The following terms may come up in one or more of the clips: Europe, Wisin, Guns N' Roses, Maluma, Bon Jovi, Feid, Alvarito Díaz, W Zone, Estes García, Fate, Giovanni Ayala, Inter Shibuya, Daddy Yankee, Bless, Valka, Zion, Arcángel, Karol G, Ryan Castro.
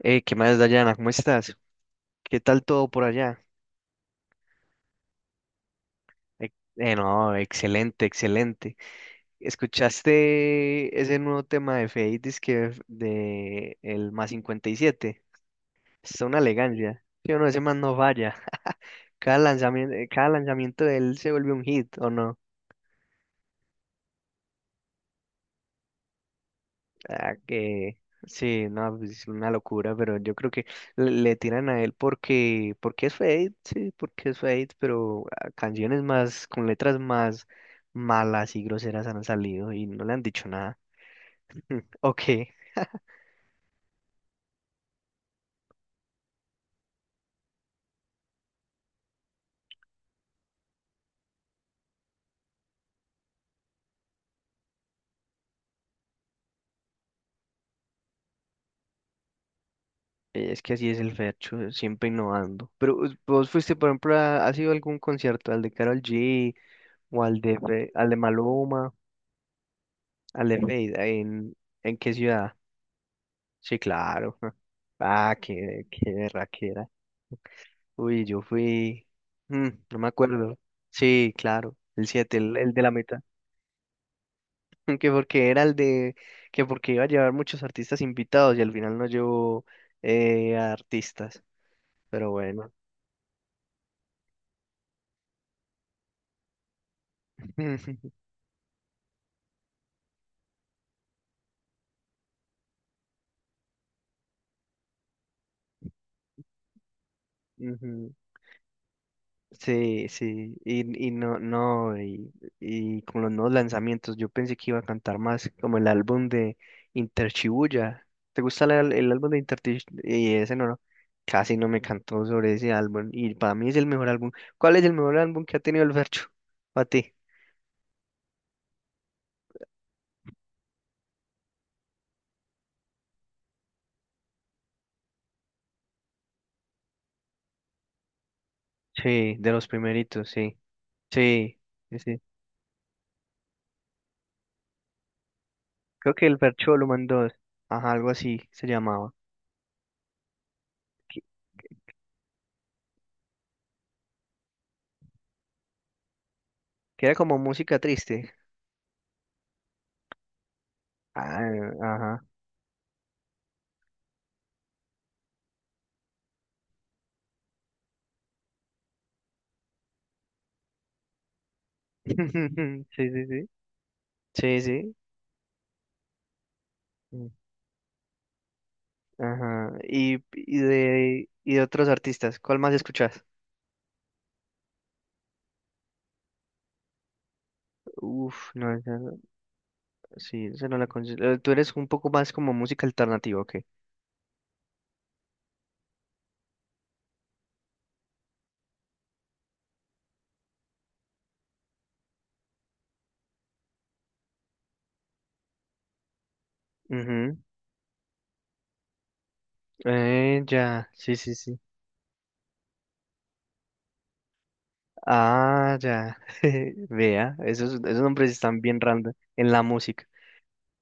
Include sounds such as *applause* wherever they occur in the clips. ¿Qué más, Dayana? ¿Cómo estás? ¿Qué tal todo por allá? No, excelente, excelente. ¿Escuchaste ese nuevo tema de Feid, que de el más 57? Es una elegancia. Yo no, ese man no falla. Cada lanzamiento de él se vuelve un hit, ¿o no? Ah, que sí, no, pues, es una locura, pero yo creo que le tiran a él porque, es Fate, sí, porque es Fate, pero canciones más, con letras más malas y groseras han salido y no le han dicho nada. Ok, es que así es el Fercho, siempre innovando. Pero vos fuiste, por ejemplo, a, ¿has ido a algún concierto, al de Karol G o al de, al de Maluma, al de Fate, en qué ciudad? Sí, claro. *laughs* Ah, qué berraquera. Uy, yo fui, no me acuerdo. Sí, claro, el 7 el de la mitad. *laughs* Que porque era el de, que porque iba a llevar muchos artistas invitados y al final no llevó artistas. Pero bueno. *laughs* Ujú. Sí, sí, y no, no, y con los nuevos lanzamientos, yo pensé que iba a cantar más como el álbum de Inter Shibuya. ¿Te gusta el álbum de Inter? Y ese no, no, casi no me cantó sobre ese álbum, y para mí es el mejor álbum. ¿Cuál es el mejor álbum que ha tenido el Fercho? Para ti. Sí, de los primeritos, sí, sí, sí, sí. Creo que el Fercho lo mandó, ajá, algo así se llamaba, que, que era como música triste. Ah, ajá, *laughs* sí, sí, sí. Sí, sí. Mm. Ajá. Y de otros artistas, ¿cuál más escuchas? Uf, no, esa no- sí, esa no la considero. Tú eres un poco más como música alternativa, ¿ok? Ujú. Ya, sí, sí, sí. Ah, ya. *laughs* Vea, esos nombres están bien random en la música.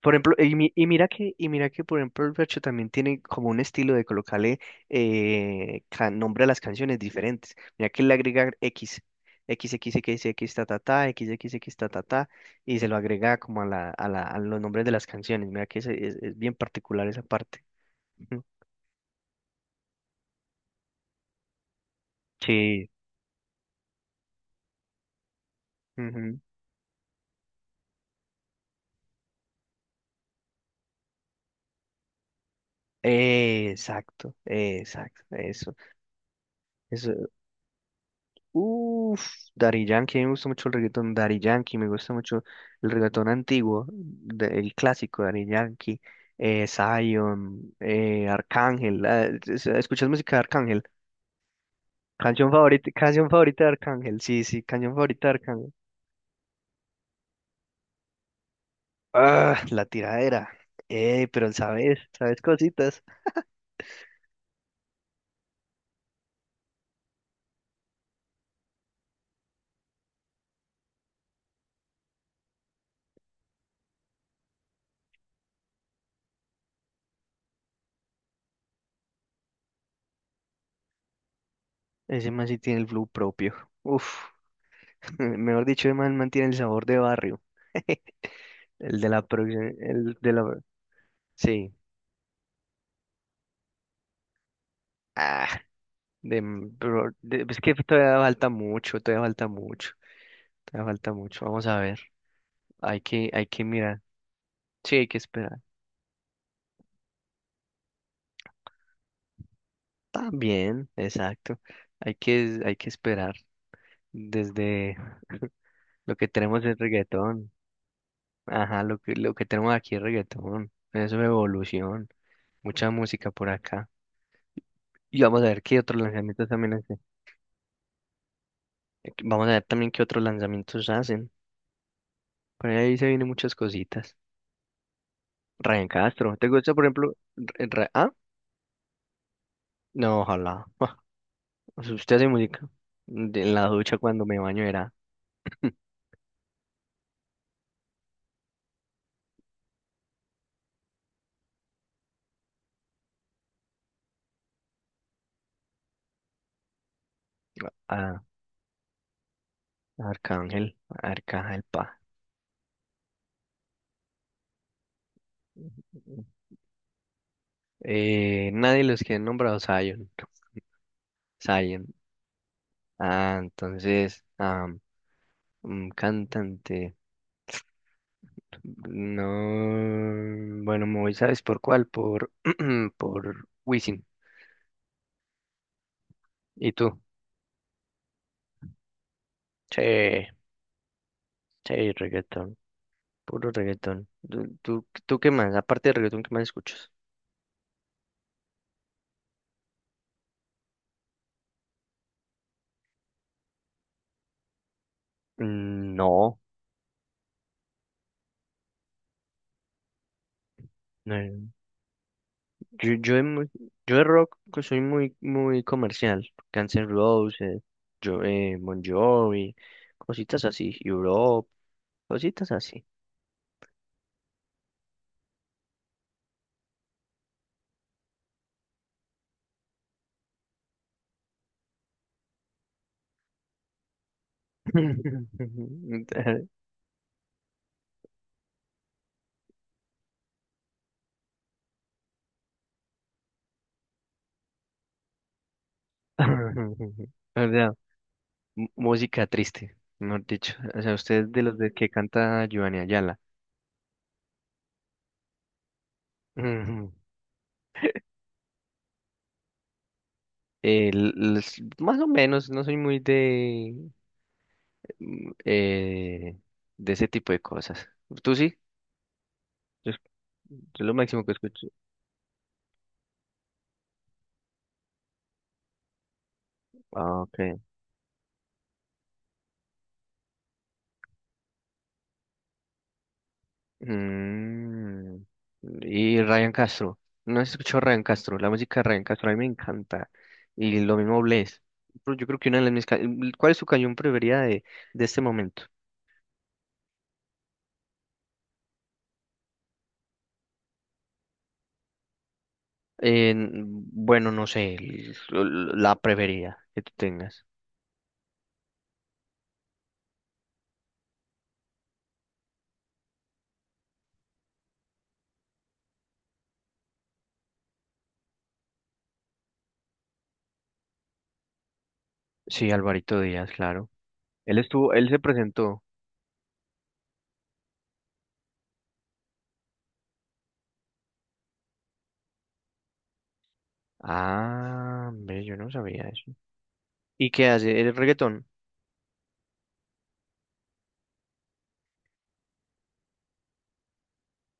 Por ejemplo, y mira que, por ejemplo, el Fercho también tiene como un estilo de colocarle nombre a las canciones diferentes. Mira que él le agrega X, x x x X, ta, ta, ta, x x x ta, ta, ta, y se lo agrega como a los nombres de las canciones. Mira que es bien particular esa parte. Ujú. Sí. Ujú. Exacto, exacto, eso. Eso, Uff, Daddy Yankee, a mí me gusta mucho el reggaetón Daddy Yankee, me gusta mucho el reggaetón antiguo, el clásico Daddy Yankee, Zion, Arcángel. ¿Escuchas música de Arcángel? Canción favorita de Arcángel, sí, sí, canción favorita de Arcángel. Ah, la tiradera. Pero sabes, sabes cositas. Ese man sí tiene el flow propio. Uff, *laughs* mejor dicho, el man mantiene el sabor de barrio. *laughs* El de la producción, el de la... Sí. Pero es que todavía falta mucho, todavía falta mucho, todavía falta mucho. Vamos a ver, hay que mirar. Sí, hay que esperar. También, exacto. Hay que esperar desde lo que tenemos es reggaetón. Ajá, lo que tenemos aquí es reggaetón. Eso es evolución. Mucha música por acá. Y vamos a ver qué otros lanzamientos también hacen. Vamos a ver también qué otros lanzamientos hacen. Por ahí se vienen muchas cositas. Ryan Castro, ¿te gusta, por ejemplo? ¿Ah? No, ojalá. *laughs* Usted hace música. En la ducha cuando me baño era *laughs* a Arcángel, Arcángel Pa. Nadie de los que han nombrado Zion. Zion. Ah, entonces, un cantante. No, bueno, me voy, ¿sabes por cuál? Por, *clears throat* por Wisin. ¿Y tú? Sí, sí, reggaetón. Puro reggaetón. ¿Tú qué más? Aparte de reggaetón, ¿qué más escuchas? Mm, No, no. Yo, yo, de mu- yo de rock que soy muy, muy comercial. Guns N' Roses, Bon Jovi, cositas así. Europe, cositas así. *laughs* O sea, música triste, mejor dicho. O sea, usted es de los de que canta Giovanni Ayala. Ujú. Más o menos, no soy muy mm, eh, de ese tipo de cosas. ¿Tú sí? Yo, es- yo lo máximo que escucho. Ah, ok. Mm, y Ryan Castro. No has escuchado Ryan Castro. La música de Ryan Castro a mí me encanta. Y lo mismo Bless. Pero yo creo que una de las mis... ca- mm, ¿Cuál es su canción preferida de este momento? Bueno, no sé. La preferida que tú tengas. Sí, Alvarito Díaz, claro. Él estuvo, él se presentó. Ah, hombre, yo no sabía eso. ¿Y qué hace? ¿El reggaetón?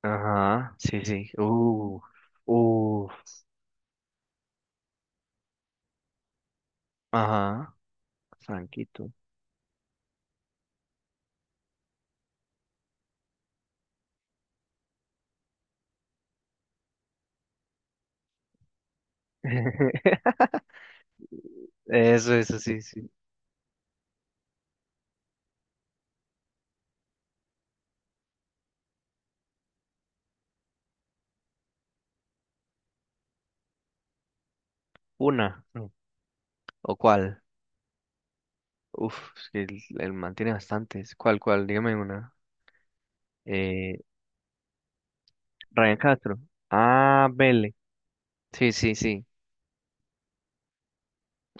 Ajá, sí, sí. Uh, ajá, tranquilo. *laughs* Eso, sí, sí. Una. Mm. ¿O cuál? Uf, es que él mantiene bastantes. ¿Cuál, cuál? Dígame una. Eh, Ryan Castro. Ah, Vele. Sí, sí, sí.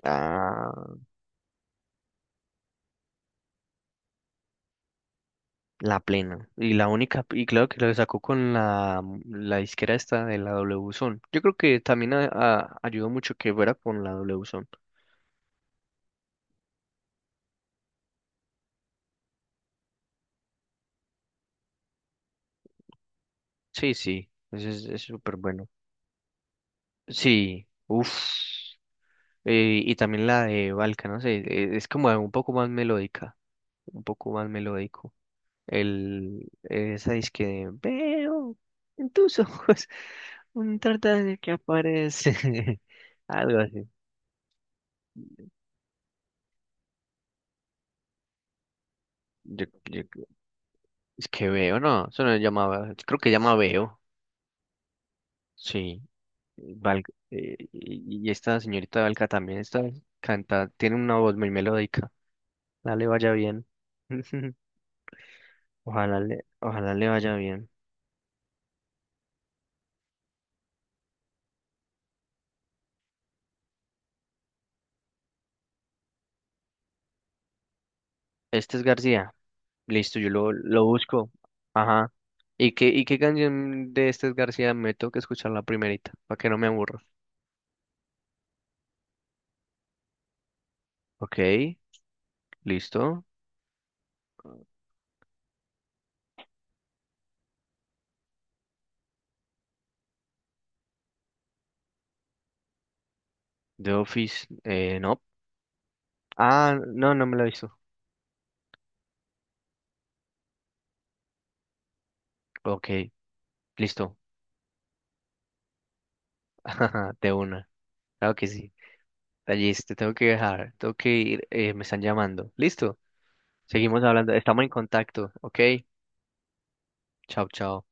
Ah, la plena. Y la única, y claro que lo sacó con la disquera esta de la W Zone. Yo creo que también ayudó mucho que fuera con la W Zone. Sí, sí. Eso es súper bueno. Sí. Uf. Y también la de Valka, no sé, es como un poco más melódica, un poco más melódico. Esa disque veo en tus ojos *laughs* un de que aparece, *laughs* algo así. Yo, yo- es que veo, no, eso no llamaba, creo que llama veo, sí. Val- y esta señorita Valka también está, canta, tiene una voz muy melódica. Ojalá le vaya bien. *laughs* Ojalá le vaya bien. Este es García. Listo, yo lo busco. Ajá. ¿Y qué canción de Estes García me toca escuchar la primerita? Para que no me aburra. Ok, listo. The Office, no. Ah, no, no me lo he visto. Ok, listo. *laughs* De una. Claro que sí. Tallis, te tengo que dejar. Tengo que ir. Me están llamando. Listo. Seguimos hablando. Estamos en contacto. Ok. Chao, chao.